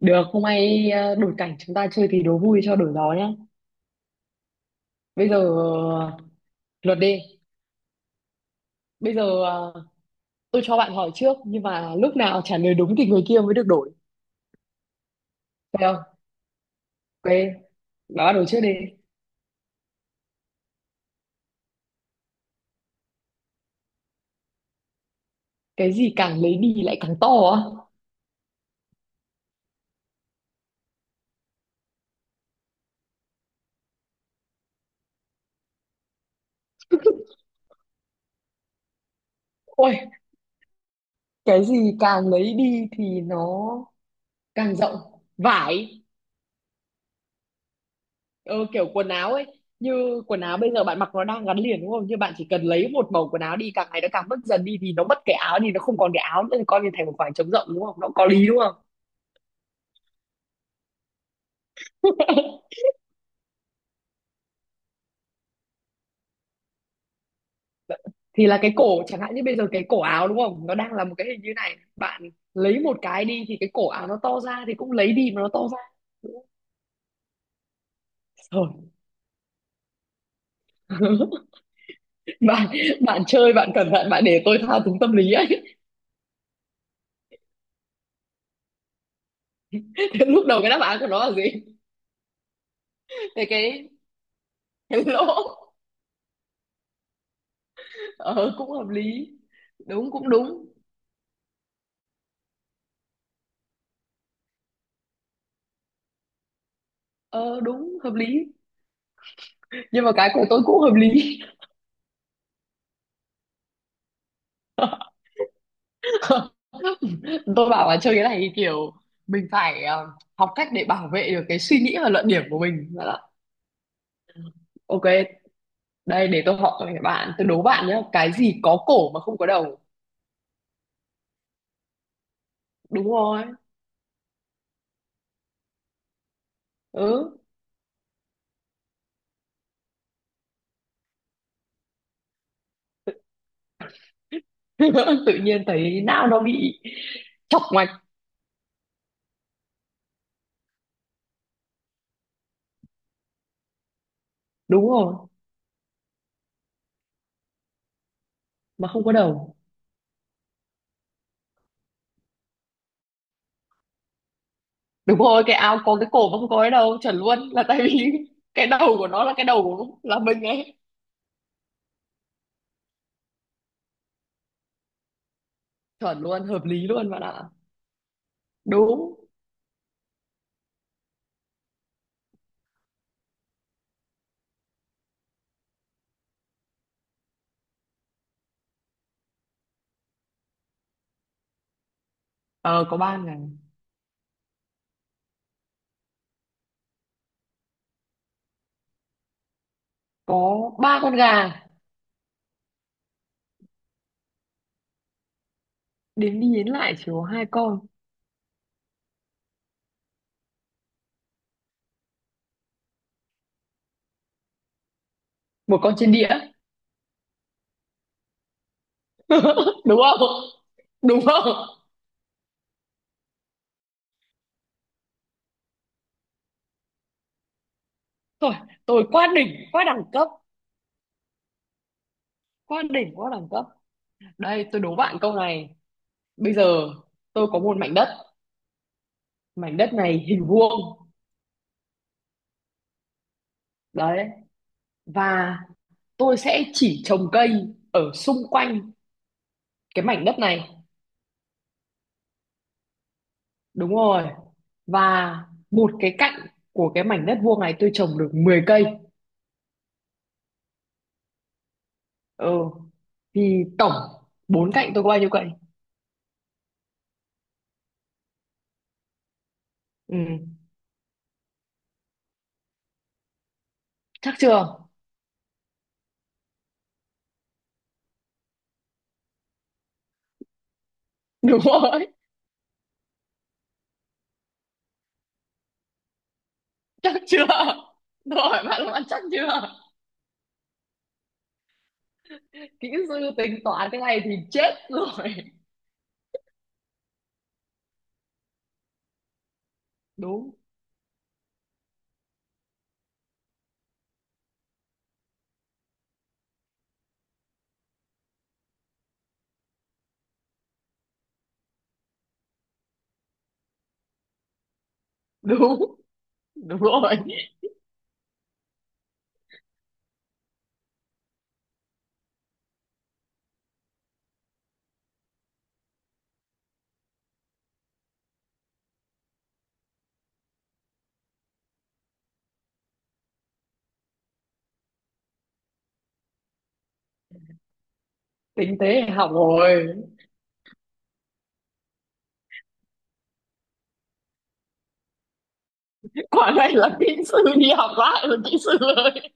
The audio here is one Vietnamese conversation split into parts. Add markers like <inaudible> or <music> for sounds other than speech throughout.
Được, hôm nay đổi cảnh chúng ta chơi thì đố vui cho đổi gió nhá. Bây giờ luật đi. Bây giờ tôi cho bạn hỏi trước nhưng mà lúc nào trả lời đúng thì người kia mới được đổi. Thấy không? Ok, đó đổi trước đi. Cái gì càng lấy đi lại càng to á? Ôi, cái gì càng lấy đi thì nó càng rộng. Vải. Ừ, kiểu quần áo ấy, như quần áo bây giờ bạn mặc nó đang gắn liền đúng không, như bạn chỉ cần lấy một màu quần áo đi càng ngày nó càng mất dần đi thì nó mất cái áo, thì nó không còn cái áo nữa thì coi như thành một khoảng trống rộng đúng không, nó có lý đúng không, thì là cái cổ chẳng hạn như bây giờ cái cổ áo đúng không, nó đang là một cái hình như này bạn lấy một cái đi thì cái cổ áo nó to ra, thì cũng lấy đi mà nó to ra rồi. <laughs> bạn bạn chơi bạn cẩn thận, bạn để tôi thao túng tâm lý ấy. <laughs> Thế lúc đầu cái đáp án của nó là gì? Thế cái lỗ. Ờ, cũng hợp lý. Đúng, cũng đúng. Ờ đúng, hợp lý, nhưng mà cái của tôi cũng hợp lý. <laughs> Tôi bảo là chơi cái này thì kiểu mình phải học cách để bảo vệ được cái suy nghĩ và luận điểm của mình. Bảo là, ok đây để tôi hỏi các bạn, tôi đố bạn nhé, cái gì có cổ mà không có đầu? Đúng rồi. Ừ. <laughs> Tự nhiên thấy não nó bị chọc ngoạch. Đúng rồi, mà không có đầu. Đúng rồi, cái áo có cái cổ mà không có cái đầu, chuẩn luôn, là tại vì <laughs> cái đầu của nó là cái đầu của là mình ấy. Chuẩn luôn, hợp lý luôn bạn ạ. Đúng. Ờ có 3 ngày. Có ba con gà. Đến đi đến lại chỉ có hai con. Một con trên đĩa. <laughs> Đúng không? Đúng không? tôi tôi quá đỉnh. Quá đẳng cấp. Quá đỉnh, quá đẳng cấp. Đây tôi đố bạn câu này. Bây giờ tôi có một mảnh đất. Mảnh đất này hình vuông. Đấy. Và tôi sẽ chỉ trồng cây ở xung quanh cái mảnh đất này. Đúng rồi. Và một cái cạnh của cái mảnh đất vuông này tôi trồng được 10 cây. Ừ, thì tổng bốn cạnh tôi có bao nhiêu cạnh? Ừ. Chắc chưa? Đúng rồi. <laughs> Chắc chưa? Rồi, bạn là bạn chắc chưa? Kỹ sư tính toán cái này thì chết rồi. Đúng. Đúng. Đúng rồi. Tính tế học rồi. Quả này là kỹ sư đi học lại rồi kỹ sư ơi.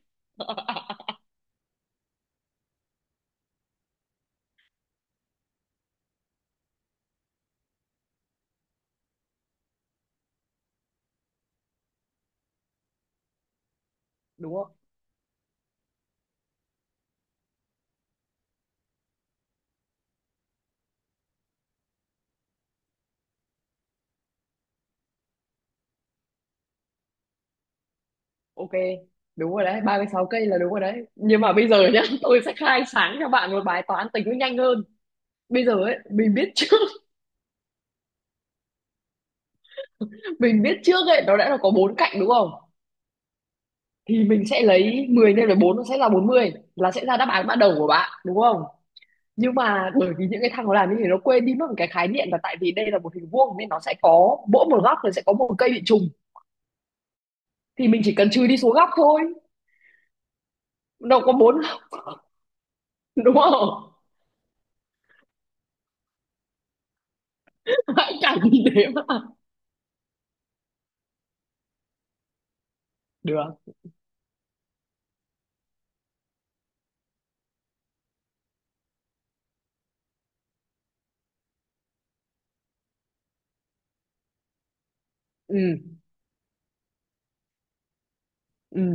Đúng không? Ok. Đúng rồi đấy, 36 cây là đúng rồi đấy, nhưng mà bây giờ nhá, tôi sẽ khai sáng cho bạn một bài toán tính nó nhanh hơn. Bây giờ ấy, mình biết trước. <laughs> Mình biết trước ấy, nó đã là có bốn cạnh đúng không, thì mình sẽ lấy 10 nhân với bốn, nó sẽ là 40, là sẽ ra đáp án ban đầu của bạn đúng không. Nhưng mà bởi vì những cái thằng nó làm như thế nó quên đi mất một cái khái niệm, là tại vì đây là một hình vuông nên nó sẽ có mỗi một góc là sẽ có một cây bị trùng, thì mình chỉ cần trừ đi số góc thôi. Đâu có bốn, đúng không? <laughs> Hãy cảnh, thế mà được. Ừ. Ừ.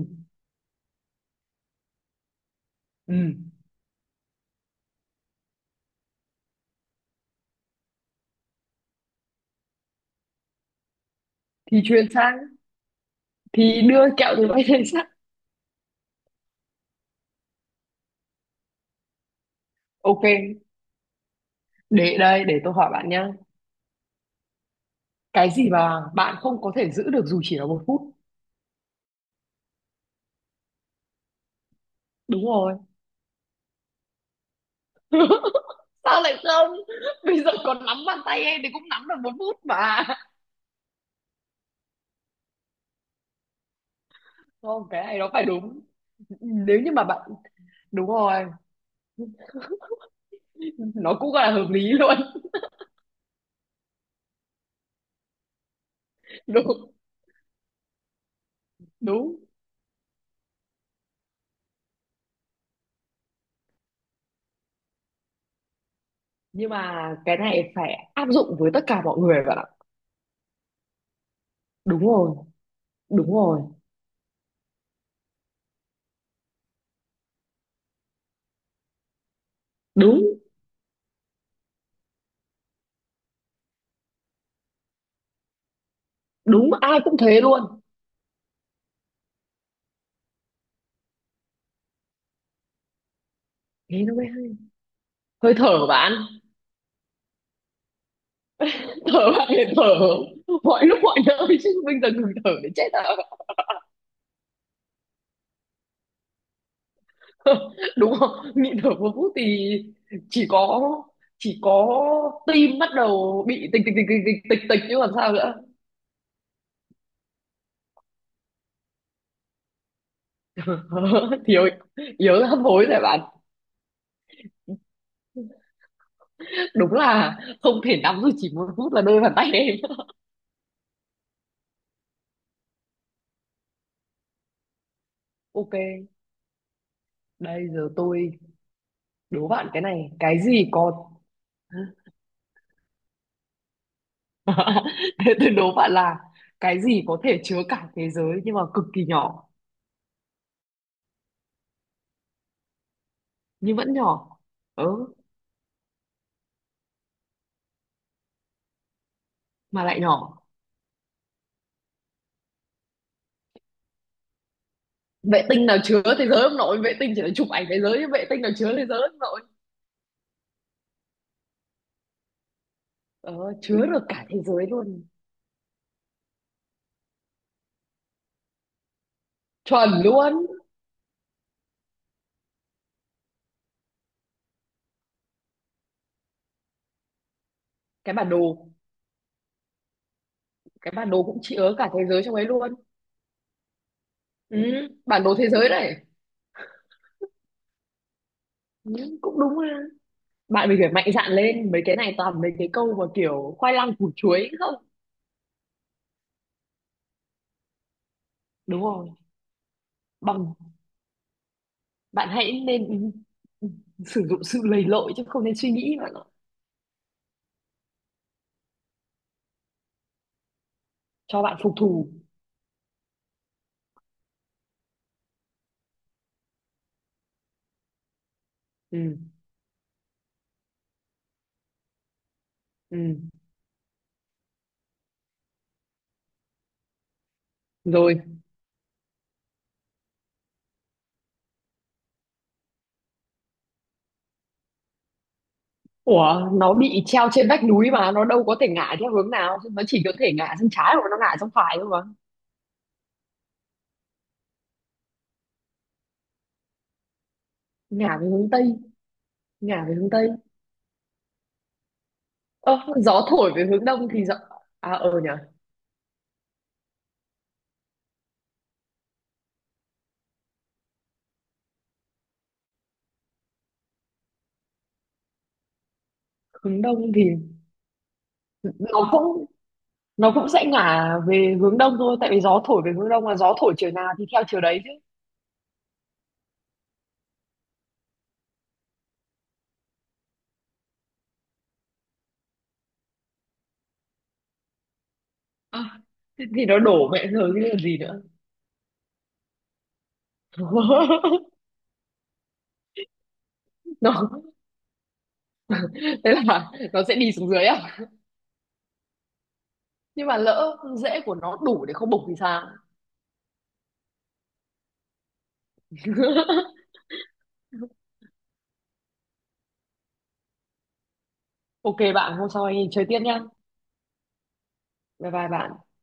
Ừ. Thì chuyển sang, thì đưa kẹo từ bay lên sắt. Ok, để đây để tôi hỏi bạn nhá, cái gì mà bạn không có thể giữ được dù chỉ là một phút? Đúng rồi. Sao lại không? <laughs> Bây giờ còn nắm bàn tay em thì cũng nắm được một phút mà. Không, cái này nó phải đúng nếu như mà bạn. Đúng rồi, nó cũng gọi là hợp lý luôn. <laughs> Đúng. Đúng. Nhưng mà cái này phải áp dụng với tất cả mọi người bạn ạ. Đúng rồi. Đúng rồi. Đúng. Đúng, ai cũng thế luôn. Thế nó mới hay. Hơi thở bạn, thở bạn, để thở mọi lúc mọi nơi chứ, bây giờ ngừng thở để chết à? <laughs> Đúng không? Nhịn thở một phút thì chỉ có, chỉ có tim bắt đầu bị tịch tịch tịch tịch tịch tịch tịch chứ còn sao nữa. <laughs> Thiếu, yếu hấp hối rồi bạn. Đúng là không thể nắm được chỉ một phút là đôi bàn tay em. <laughs> Ok, đây giờ tôi đố bạn cái này, cái gì có. <laughs> Thế tôi đố bạn là cái gì có thể chứa cả thế giới nhưng mà cực kỳ nhỏ, nhưng vẫn nhỏ. Ừ, mà lại nhỏ. Vệ tinh nào chứa thế giới ông nội, vệ tinh chỉ là chụp ảnh thế giới chứ vệ tinh nào chứa thế giới ông nội. Ờ, chứa được cả thế giới luôn. Chuẩn luôn. Cái bản đồ, cái bản đồ cũng chứa cả thế giới trong ấy luôn. Ừ, bản đồ thế giới đấy. Ừ, cũng đúng ha. Bạn mình phải mạnh dạn lên, mấy cái này toàn mấy cái câu mà kiểu khoai lang củ chuối không. Đúng rồi. Bằng, bạn hãy nên sử dụng sự lầy lội chứ không nên suy nghĩ bạn ạ. Cho bạn phục thù. Ừ. Ừ. Rồi. Ủa, nó bị treo trên vách núi mà nó đâu có thể ngả theo hướng nào, nó chỉ có thể ngả sang trái hoặc nó ngả sang phải thôi mà. Ngả về hướng tây. Ngả về hướng tây. Ơ gió thổi về hướng đông thì gió, à ờ nhỉ. Hướng đông thì nó cũng nó cũng sẽ ngả về hướng đông thôi, tại vì gió thổi về hướng đông mà, gió thổi chiều nào thì theo chiều đấy chứ. Ờ, thế thì nó đổ mẹ rồi chứ còn gì nữa. <laughs> Nó, thế là nó sẽ đi xuống dưới à? Nhưng mà lỡ rễ của nó đủ để không bục thì sao? <laughs> Ok bạn, hôm sau anh chơi tiếp nhá. Bye bye bạn.